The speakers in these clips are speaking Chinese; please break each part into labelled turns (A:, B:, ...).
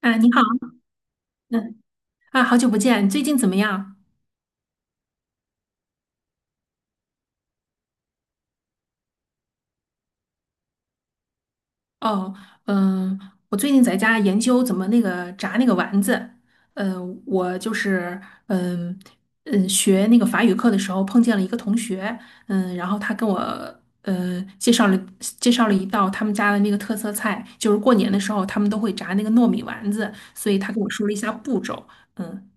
A: 啊，你好，嗯。啊，好久不见，最近怎么样？哦，嗯，我最近在家研究怎么那个炸那个丸子。我就是，嗯学那个法语课的时候碰见了一个同学。然后他跟我嗯介绍了介绍了一道他们家的那个特色菜，就是过年的时候他们都会炸那个糯米丸子，所以他跟我说了一下步骤。嗯。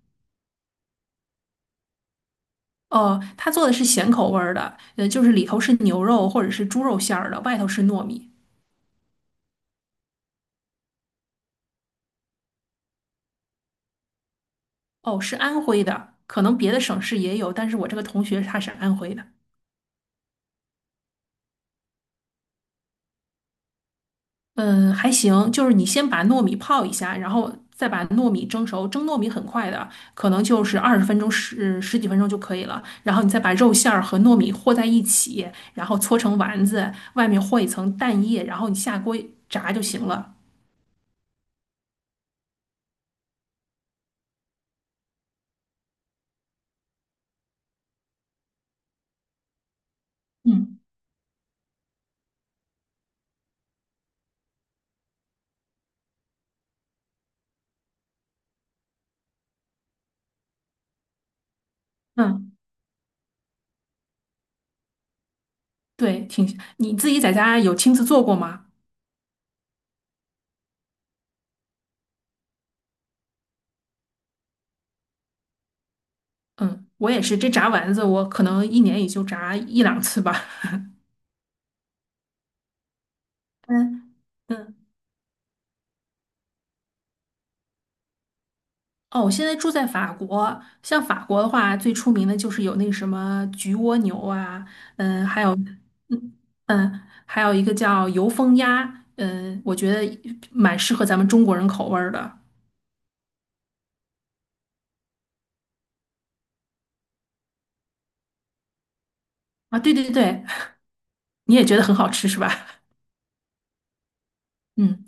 A: 哦，他做的是咸口味儿的，就是里头是牛肉或者是猪肉馅儿的，外头是糯米。哦，是安徽的，可能别的省市也有，但是我这个同学他是安徽的。嗯，还行，就是你先把糯米泡一下，然后再把糯米蒸熟。蒸糯米很快的，可能就是20分钟十几分钟就可以了。然后你再把肉馅儿和糯米和在一起，然后搓成丸子，外面和一层蛋液，然后你下锅炸就行了。嗯嗯，对，挺，你自己在家有亲自做过吗？嗯，我也是，这炸丸子我可能一年也就炸一两次吧。嗯嗯。哦，我现在住在法国，像法国的话，最出名的就是有那个什么焗蜗牛啊，还有，嗯还有一个叫油封鸭，我觉得蛮适合咱们中国人口味儿的。啊。对对对，你也觉得很好吃是吧？嗯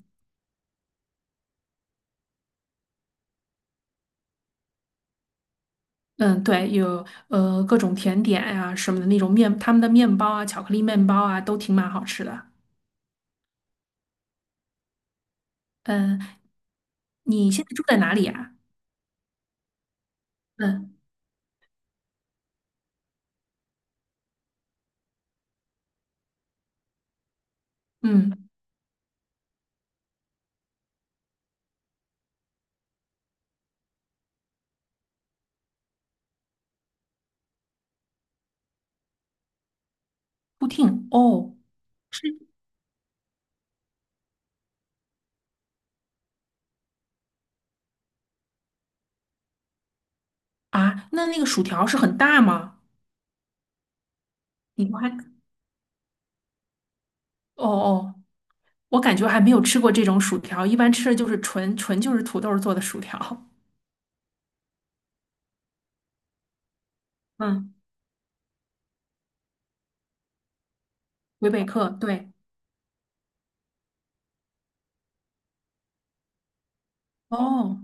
A: 嗯，对，有各种甜点呀、什么的那种面，他们的面包啊、巧克力面包啊，都挺蛮好吃的。嗯，你现在住在哪里啊？嗯嗯，布汀哦。是。啊，那个薯条是很大吗？你们还，哦哦，我感觉还没有吃过这种薯条，一般吃的就是纯就是土豆做的薯条。嗯，魁北克，对，哦，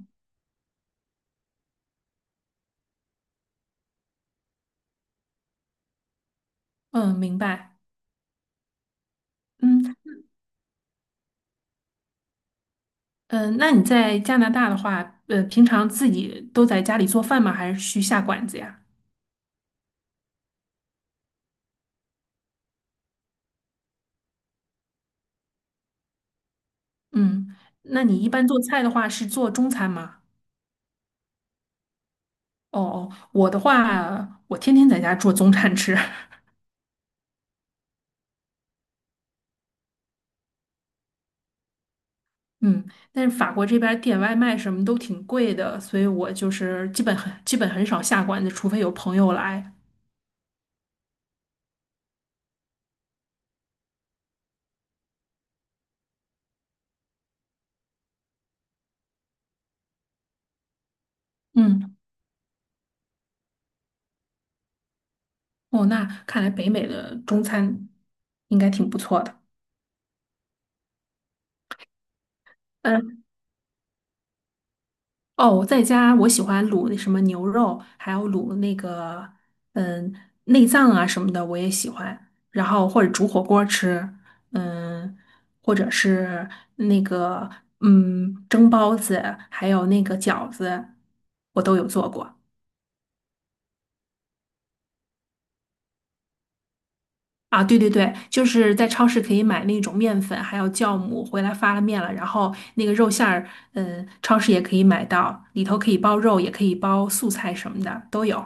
A: 嗯，明白。嗯嗯，那你在加拿大的话，平常自己都在家里做饭吗？还是去下馆子呀？嗯，那你一般做菜的话是做中餐吗？哦哦，我的话，我天天在家做中餐吃。嗯，但是法国这边儿点外卖什么都挺贵的，所以我就是基本很少下馆子，除非有朋友来。嗯，哦，那看来北美的中餐应该挺不错的。嗯，哦，我在家我喜欢卤那什么牛肉，还有卤那个嗯内脏啊什么的，我也喜欢。然后或者煮火锅吃，嗯，或者是那个蒸包子，还有那个饺子，我都有做过。啊，对对对，就是在超市可以买那种面粉，还有酵母，回来发了面了，然后那个肉馅儿，超市也可以买到，里头可以包肉，也可以包素菜什么的都有。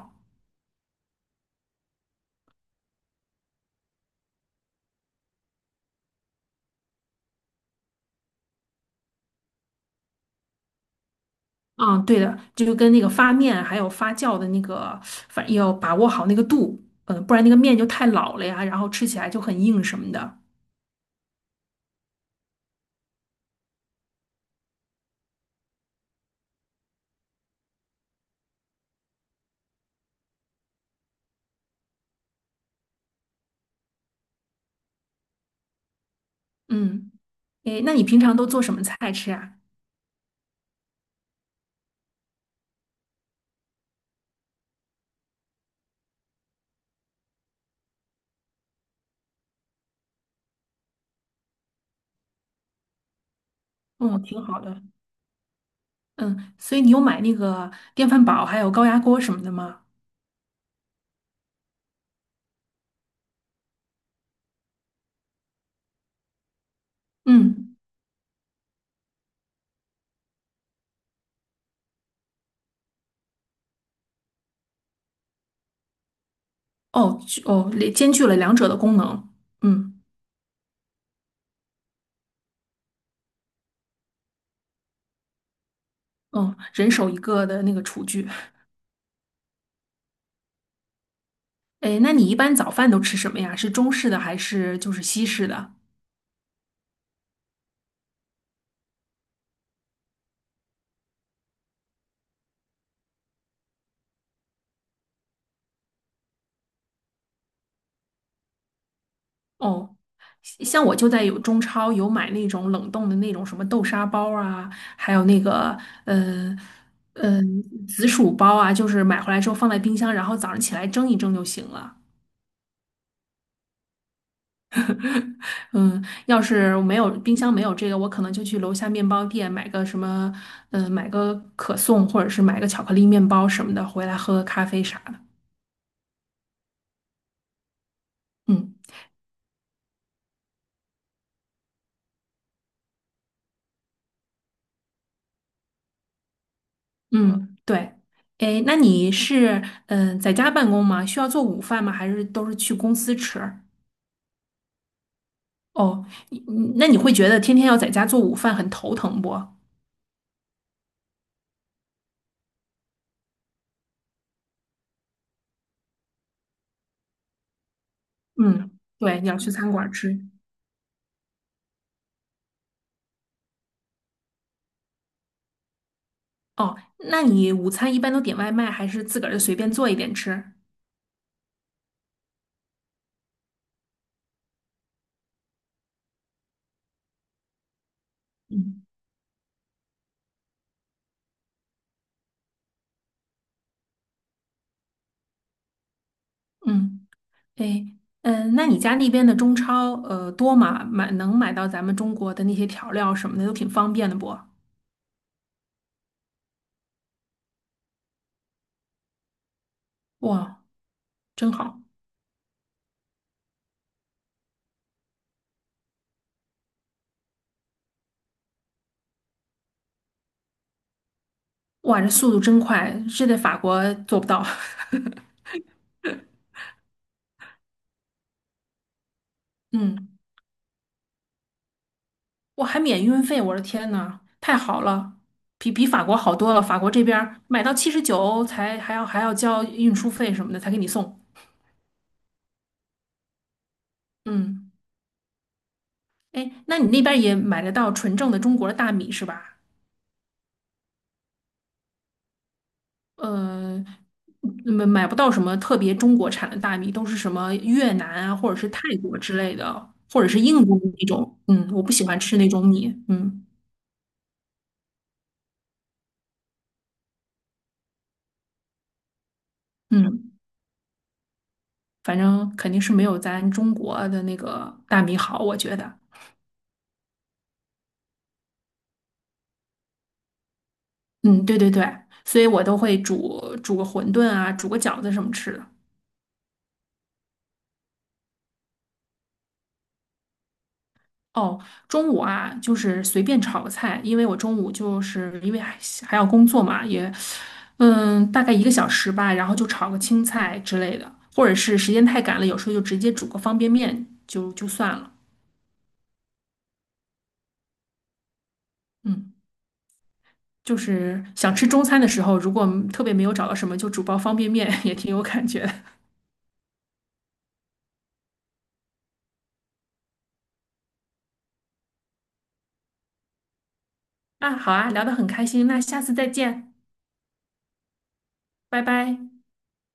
A: 嗯，对的，这就跟那个发面还有发酵的那个，反正要把握好那个度，不然那个面就太老了呀，然后吃起来就很硬什么的。嗯，诶，那你平常都做什么菜吃啊？嗯，挺好的。嗯，所以你有买那个电饭煲还有高压锅什么的吗？嗯。哦哦，兼具了两者的功能。嗯嗯，人手一个的那个厨具。哎，那你一般早饭都吃什么呀？是中式的还是就是西式的？哦，像我就在有中超有买那种冷冻的那种什么豆沙包啊，还有那个呃呃紫薯包啊，就是买回来之后放在冰箱，然后早上起来蒸一蒸就行了。嗯，要是没有冰箱没有这个，我可能就去楼下面包店买个什么，买个可颂或者是买个巧克力面包什么的，回来喝个咖啡啥的。嗯嗯，对。哎，那你是在家办公吗？需要做午饭吗？还是都是去公司吃？哦，那你会觉得天天要在家做午饭很头疼不？嗯，对，你要去餐馆儿吃。哦，那你午餐一般都点外卖，还是自个儿就随便做一点吃？嗯嗯。哎，那你家那边的中超，多吗？买能买到咱们中国的那些调料什么的，都挺方便的不？哇，真好！哇，这速度真快，这在法国做不到。嗯，我还免运费，我的天呐，太好了，比法国好多了。法国这边儿买到79才还要交运输费什么的才给你送。嗯，哎，那你那边儿也买得到纯正的中国的大米是吧？呃，买不到什么特别中国产的大米，都是什么越南啊，或者是泰国之类的，或者是印度那种。嗯，我不喜欢吃那种米。嗯嗯，反正肯定是没有咱中国的那个大米好，我觉得。嗯，对对对，所以我都会煮个馄饨啊，煮个饺子什么吃的。哦，中午啊，就是随便炒个菜，因为我中午就是因为还要工作嘛，也，嗯，大概一个小时吧，然后就炒个青菜之类的，或者是时间太赶了，有时候就直接煮个方便面就算了。嗯，就是想吃中餐的时候，如果特别没有找到什么，就煮包方便面 也挺有感觉的。啊，好啊，聊得很开心，那下次再见，拜拜。